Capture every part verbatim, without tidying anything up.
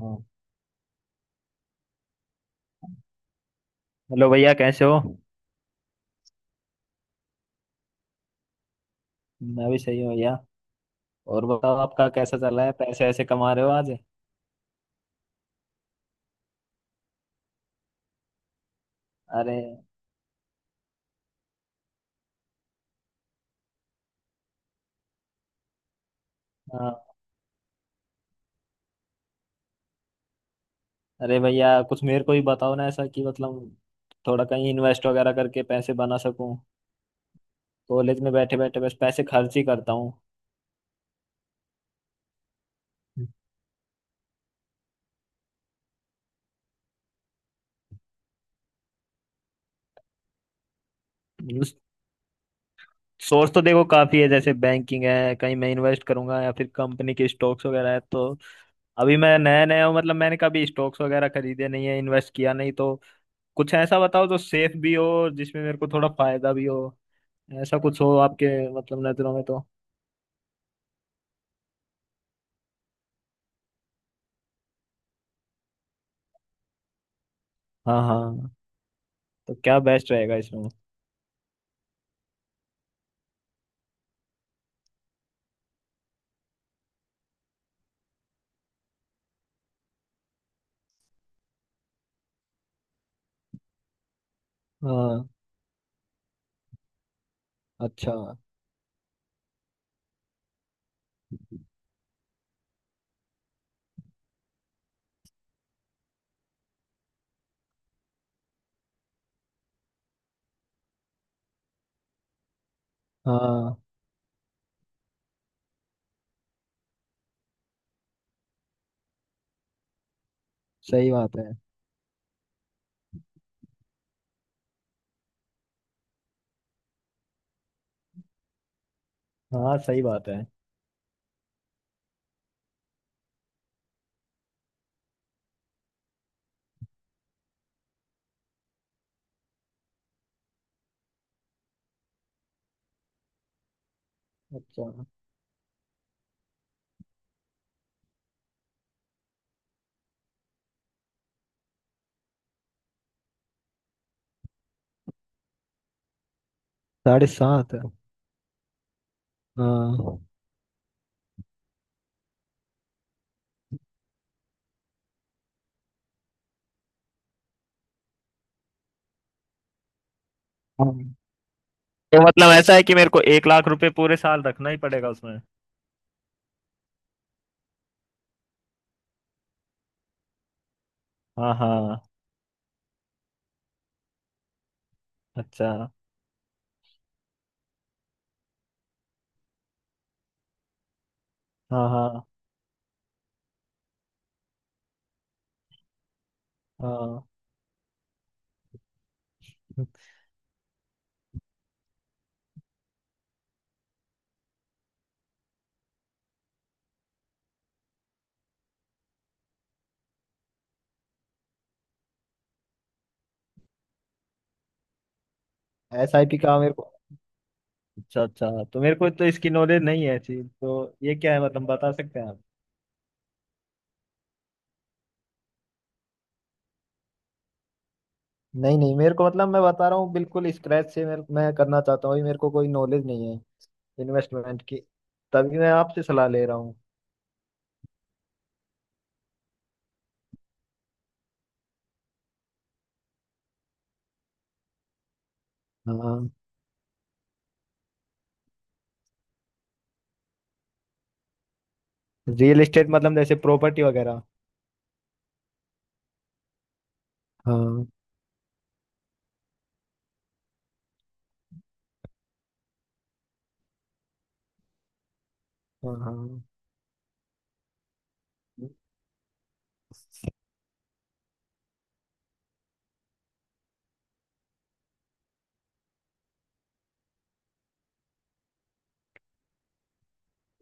हाँ। हेलो भैया, कैसे हो? मैं भी सही हूँ भैया। और बताओ, आपका कैसा चल रहा है? पैसे ऐसे कमा रहे हो आज? अरे। हाँ। अरे भैया, कुछ मेरे को ही बताओ ना, ऐसा कि मतलब थोड़ा कहीं इन्वेस्ट वगैरह करके पैसे बना सकूं। कॉलेज में बैठे बैठे बस पैसे खर्च ही करता हूँ। मतलब सोर्स तो देखो काफी है, जैसे बैंकिंग है, कहीं मैं इन्वेस्ट करूंगा या फिर कंपनी के स्टॉक्स वगैरह है, तो अभी मैं नया नया हूँ। मतलब मैंने कभी स्टॉक्स वगैरह खरीदे नहीं है, इन्वेस्ट किया नहीं, तो कुछ ऐसा बताओ जो सेफ भी हो और जिसमें मेरे को थोड़ा फायदा भी हो। ऐसा कुछ हो आपके मतलब नजरों में तो। हाँ हाँ। तो क्या बेस्ट रहेगा इसमें? हाँ। अच्छा। हाँ सही बात है। हाँ सही बात है। अच्छा। साढ़े सात? हाँ। हाँ। तो मतलब ऐसा है कि मेरे को एक लाख रुपए पूरे साल रखना ही पड़ेगा उसमें? हाँ हाँ। अच्छा। हाँ हाँ। हाँ। एस आई पी का मेरे को। अच्छा अच्छा, तो मेरे को तो इसकी नॉलेज नहीं है ऐसी। तो ये क्या है मतलब, बता सकते हैं आप? नहीं नहीं, मेरे को मतलब मैं बता रहा हूँ बिल्कुल स्क्रैच से, मेरे, मैं करना चाहता हूँ। अभी मेरे को कोई नॉलेज नहीं है इन्वेस्टमेंट की, तभी मैं आपसे सलाह ले रहा हूँ। हाँ। रियल एस्टेट मतलब जैसे प्रॉपर्टी वगैरह। हाँ हाँ। हाँ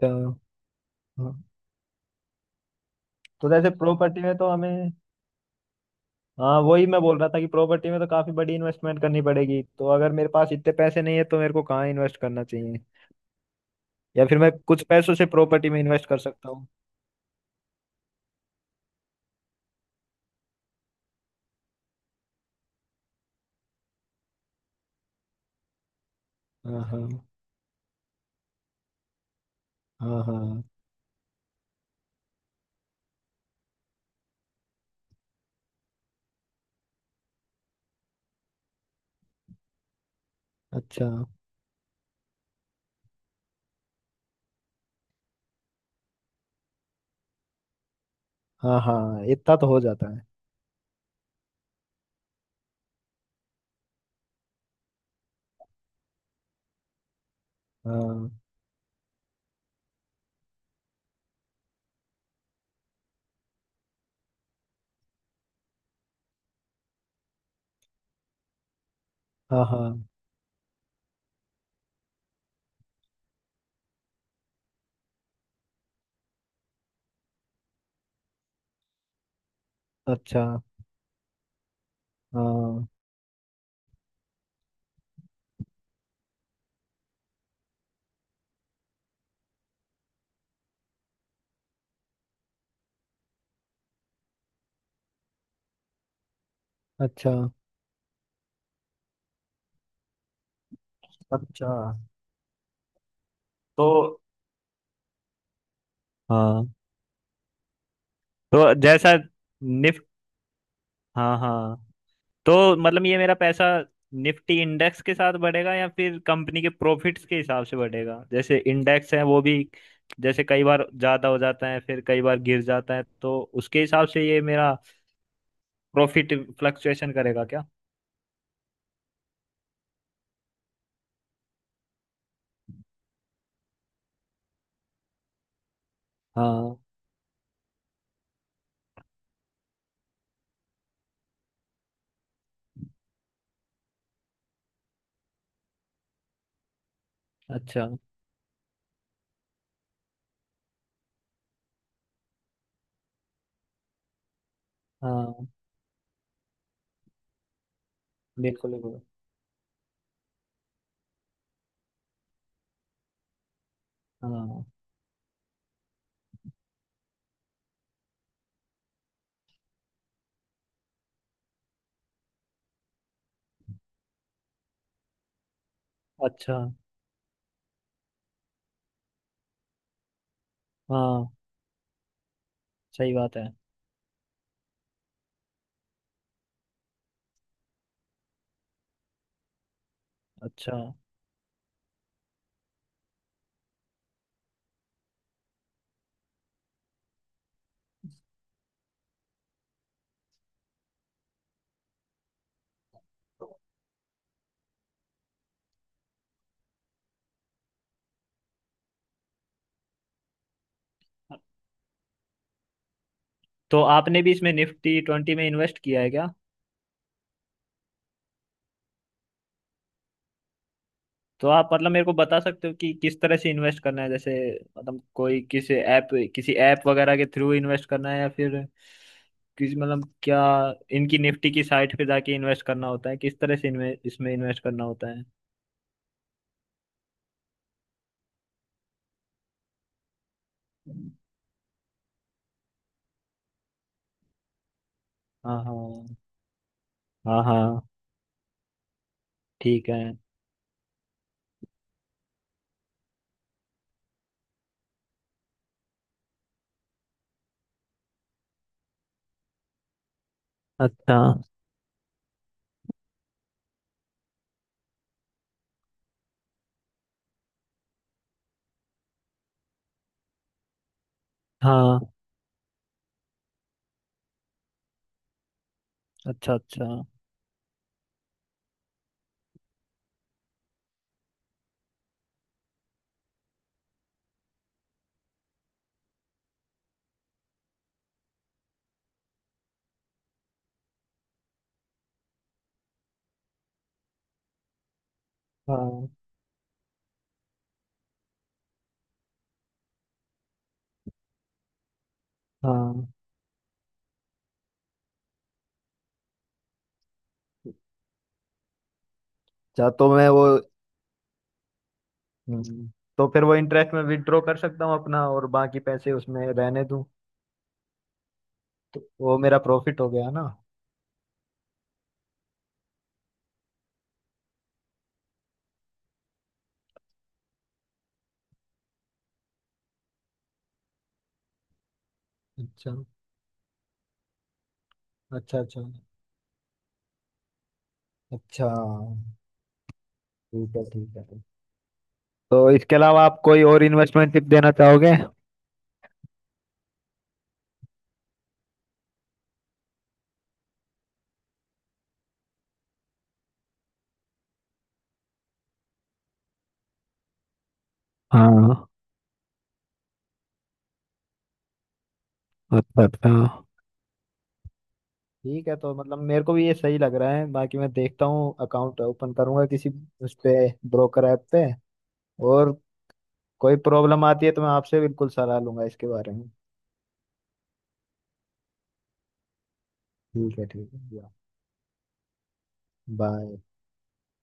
तो। हाँ। तो जैसे प्रॉपर्टी में तो हमें। हाँ, वही मैं बोल रहा था कि प्रॉपर्टी में तो काफी बड़ी इन्वेस्टमेंट करनी पड़ेगी, तो अगर मेरे पास इतने पैसे नहीं है तो मेरे को कहाँ इन्वेस्ट करना चाहिए, या फिर मैं कुछ पैसों से प्रॉपर्टी में इन्वेस्ट कर सकता हूँ? हाँ हाँ। हाँ हाँ। अच्छा। हाँ हाँ, इतना तो हो जाता है। हाँ। हाँ। हाँ। अच्छा। हाँ। अच्छा अच्छा। तो हाँ। तो जैसा निफ्ट हाँ हाँ। तो मतलब ये मेरा पैसा निफ्टी इंडेक्स के साथ बढ़ेगा या फिर कंपनी के प्रॉफिट्स के हिसाब से बढ़ेगा? जैसे इंडेक्स है वो भी, जैसे कई बार ज्यादा हो जाता है फिर कई बार गिर जाता है, तो उसके हिसाब से ये मेरा प्रॉफिट फ्लक्चुएशन करेगा क्या? हाँ। अच्छा। हाँ बिल्कुल बिल्कुल। हाँ। अच्छा। हाँ सही बात है। अच्छा। तो आपने भी इसमें निफ्टी ट्वेंटी में इन्वेस्ट किया है क्या? तो आप मतलब मेरे को बता सकते हो कि किस तरह से इन्वेस्ट करना है, जैसे मतलब कोई किसी ऐप, किसी ऐप वगैरह के थ्रू इन्वेस्ट करना है, या फिर किसी मतलब क्या, इनकी निफ्टी की साइट पे जाके इन्वेस्ट करना होता है? किस तरह से इनमें इसमें इन्वेस्ट करना होता है? हाँ हाँ। हाँ हाँ। ठीक है। अच्छा। हाँ। अच्छा अच्छा। हाँ हाँ। अच्छा तो मैं वो हम्म, तो फिर वो इंटरेस्ट में विड्रॉ कर सकता हूँ अपना और बाकी पैसे उसमें रहने दूँ? तो वो मेरा प्रॉफिट हो गया ना? अच्छा अच्छा। अच्छा अच्छा। ठीक है ठीक है। तो इसके अलावा आप कोई और इन्वेस्टमेंट टिप देना चाहोगे? हाँ। अच्छा अच्छा। ठीक है। तो मतलब मेरे को भी ये सही लग रहा है, बाकी मैं देखता हूँ, अकाउंट ओपन करूंगा किसी उस पे ब्रोकर ऐप पे, और कोई प्रॉब्लम आती है तो मैं आपसे बिल्कुल सलाह लूंगा इसके बारे में। ठीक है ठीक है। बाय।